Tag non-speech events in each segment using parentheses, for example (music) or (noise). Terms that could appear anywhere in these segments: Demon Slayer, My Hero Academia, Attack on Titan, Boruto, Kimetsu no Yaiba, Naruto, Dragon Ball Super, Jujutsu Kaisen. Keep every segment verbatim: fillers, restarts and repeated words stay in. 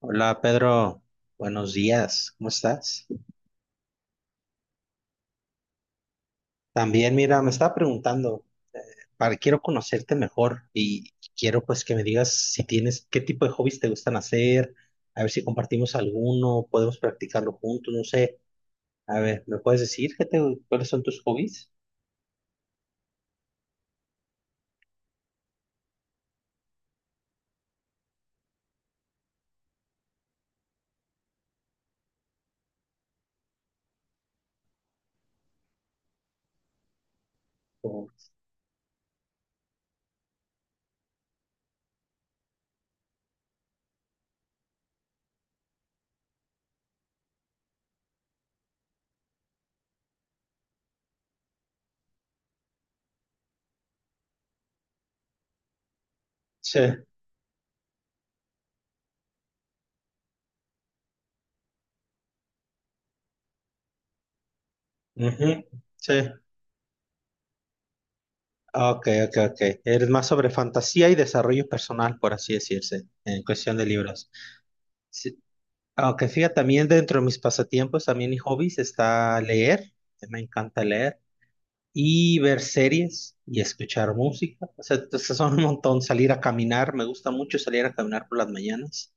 Hola Pedro, buenos días, ¿cómo estás? También mira, me estaba preguntando, eh, para, quiero conocerte mejor y quiero pues que me digas si tienes, qué tipo de hobbies te gustan hacer, a ver si compartimos alguno, podemos practicarlo juntos, no sé. A ver, ¿me puedes decir qué te, cuáles son tus hobbies? O- sí, ujú, sí. Ok, ok, ok. Eres más sobre fantasía y desarrollo personal, por así decirse, en cuestión de libros. Sí. Aunque fíjate, también dentro de mis pasatiempos, también y hobbies, está leer, que me encanta leer, y ver series y escuchar música. O sea, entonces (laughs) son un montón, salir a caminar, me gusta mucho salir a caminar por las mañanas.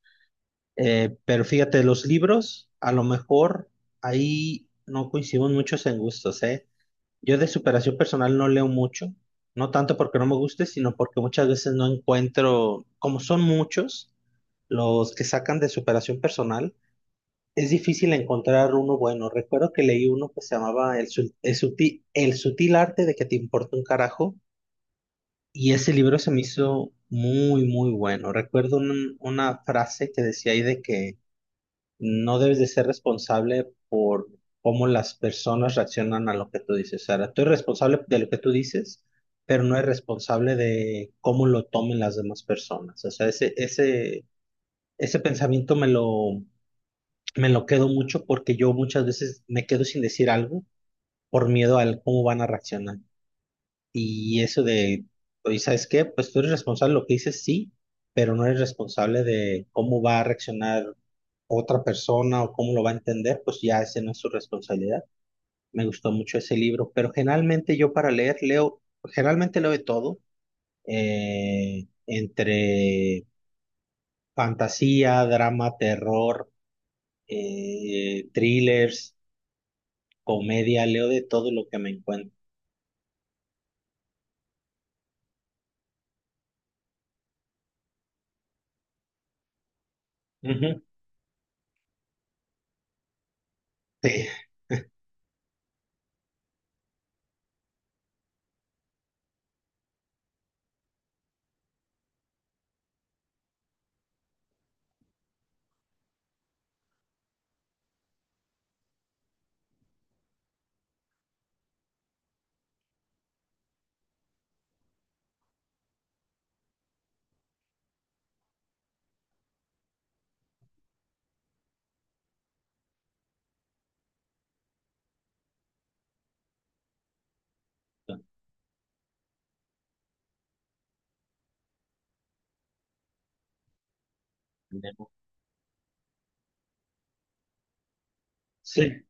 Eh, pero fíjate, los libros, a lo mejor ahí no coincidimos muchos en gustos, ¿eh? Yo de superación personal no leo mucho, no tanto porque no me guste, sino porque muchas veces no encuentro, como son muchos, los que sacan de superación personal es difícil encontrar uno bueno. Recuerdo que leí uno que se llamaba El, Sul- el, Suti- El sutil arte de que te importa un carajo y ese libro se me hizo muy, muy bueno. Recuerdo un- una frase que decía ahí de que no debes de ser responsable por cómo las personas reaccionan a lo que tú dices. O sea, tú eres responsable de lo que tú dices, pero no eres responsable de cómo lo tomen las demás personas. O sea, ese, ese, ese pensamiento me lo me lo quedo mucho porque yo muchas veces me quedo sin decir algo por miedo al cómo van a reaccionar. Y eso de, oye, ¿sabes qué? Pues tú eres responsable de lo que dices, sí, pero no eres responsable de cómo va a reaccionar otra persona o cómo lo va a entender, pues ya esa no es su responsabilidad. Me gustó mucho ese libro, pero generalmente yo para leer leo, generalmente leo de todo, eh, entre fantasía, drama, terror, eh, thrillers, comedia, leo de todo lo que me encuentro. Ujú, sí. Tenemos- sí.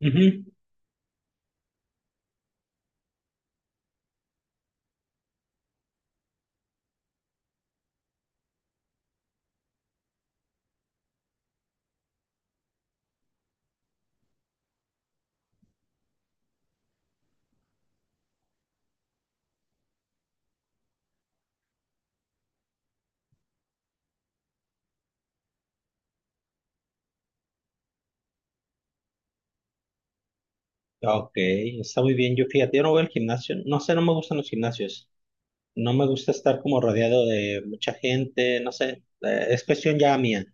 Ujú. Ok, está muy bien. Yo fíjate, yo no voy al gimnasio. No sé, no me gustan los gimnasios. No me gusta estar como rodeado de mucha gente. No sé, eh, es cuestión ya mía.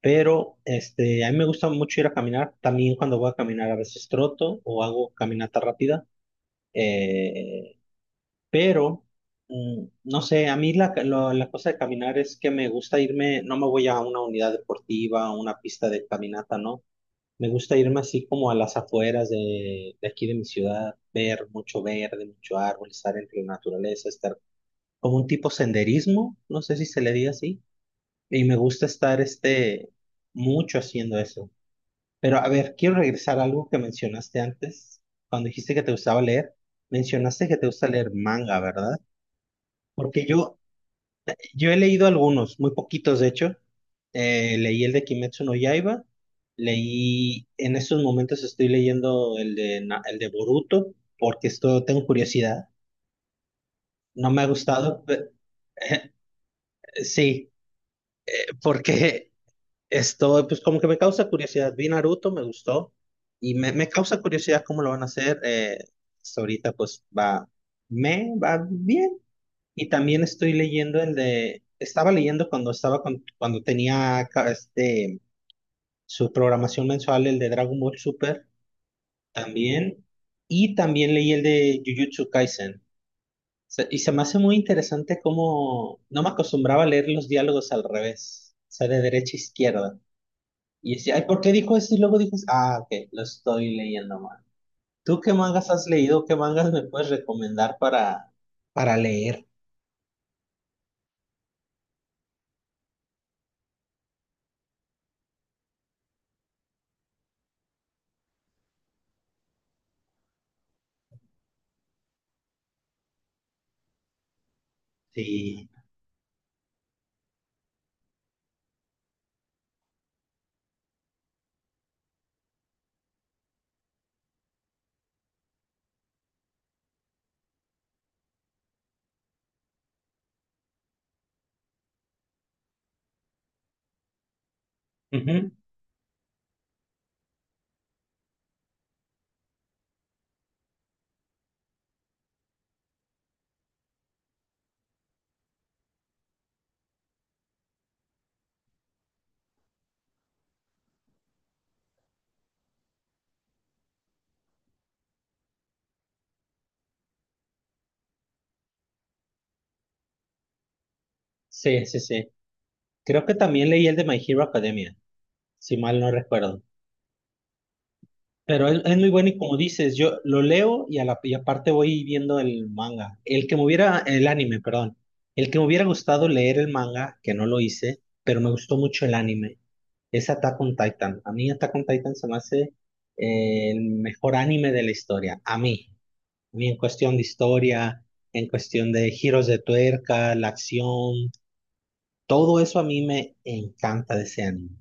Pero este, a mí me gusta mucho ir a caminar. También cuando voy a caminar a veces troto o hago caminata rápida. Eh, Pero, mm, no sé, a mí la, lo- la cosa de caminar es que me gusta irme, no me voy a una unidad deportiva, a una pista de caminata, ¿no? Me gusta irme así como a las afueras de, de aquí de mi ciudad, ver mucho verde, mucho árbol, estar entre la naturaleza, estar como un tipo senderismo, no sé si se le diga así, y me gusta estar este, mucho haciendo eso. Pero a ver, quiero regresar a algo que mencionaste antes, cuando dijiste que te gustaba leer, mencionaste que te gusta leer manga, ¿verdad? Porque yo Yo he leído algunos, muy poquitos de hecho. Eh, leí el de Kimetsu no Yaiba, leí, en estos momentos estoy leyendo el de, Na- el de Boruto, porque esto tengo curiosidad. No me ha gustado, pe- (laughs) sí, porque esto, pues como que me causa curiosidad. Vi Naruto, me gustó, y me, me causa curiosidad cómo lo van a hacer. Eh, hasta ahorita pues va, me va bien. Y también estoy leyendo el de, estaba leyendo cuando estaba con- cuando tenía ca- este su programación mensual, el de Dragon Ball Super también. Y también leí el de Jujutsu Kaisen. Se- Y se me hace muy interesante cómo no me acostumbraba a leer los diálogos al revés, o sea, de derecha a izquierda. Y decía, ay, ¿por qué dijo esto? Y luego dijo, ah, ok, lo estoy leyendo mal. ¿Tú qué mangas has leído? ¿Qué mangas me puedes recomendar para, para leer? Sí. Ujú. Sí, sí, sí. Creo que también leí el de My Hero Academia, si mal no recuerdo. Pero es, es muy bueno y como dices, yo lo leo y, a la, y aparte voy viendo el manga. El que me hubiera, el anime, perdón. El que me hubiera gustado leer el manga, que no lo hice, pero me gustó mucho el anime, es Attack on Titan. A mí Attack on Titan se me hace eh, el mejor anime de la historia. A mí. A mí en cuestión de historia, en cuestión de giros de tuerca, la acción, todo eso a mí me encanta de ese anime.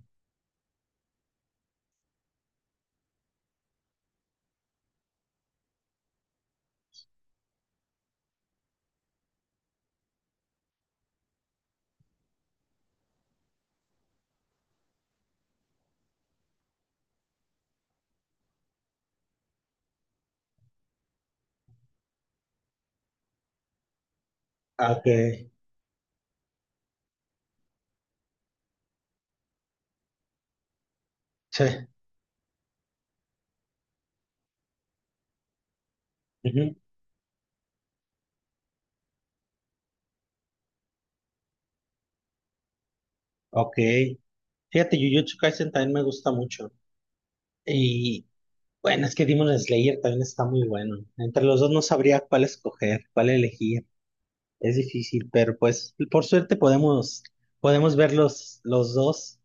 Ok. Sí. Ujú. Ok. Fíjate, Jujutsu Kaisen también me gusta mucho. Y bueno, es que Demon Slayer también está muy bueno. Entre los dos no sabría cuál escoger, cuál elegir. Es difícil, pero pues por suerte podemos, podemos ver los, los dos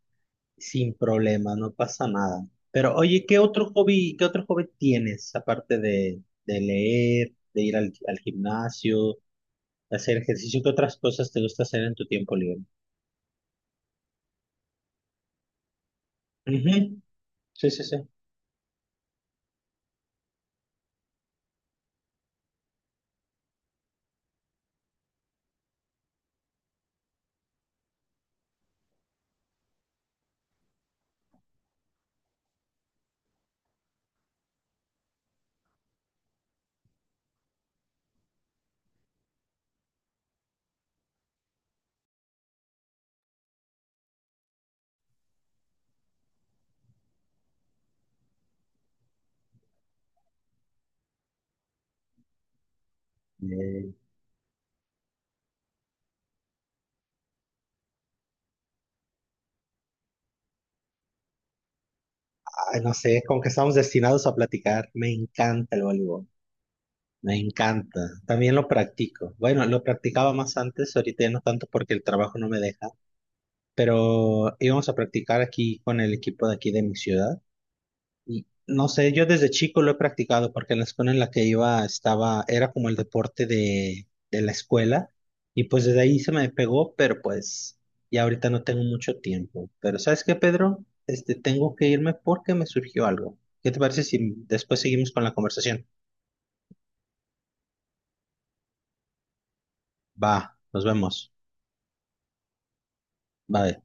sin problema, no pasa nada. Pero oye, ¿qué otro hobby, qué otro hobby tienes aparte de, de leer, de ir al, al gimnasio, de hacer ejercicio? ¿Qué otras cosas te gusta hacer en tu tiempo libre? Ujú. Sí, sí, sí. Ay, no sé, como que estamos destinados a platicar. Me encanta el voleibol, me encanta. También lo practico. Bueno, lo practicaba más antes, ahorita ya no tanto porque el trabajo no me deja, pero íbamos a practicar aquí con el equipo de aquí de mi ciudad. Y no sé, yo desde chico lo he practicado porque en la escuela en la que iba estaba, era como el deporte de, de la escuela y pues desde ahí se me pegó, pero pues ya ahorita no tengo mucho tiempo. Pero ¿sabes qué, Pedro? Este, tengo que irme porque me surgió algo. ¿Qué te parece si después seguimos con la conversación? Va, nos vemos. Bye.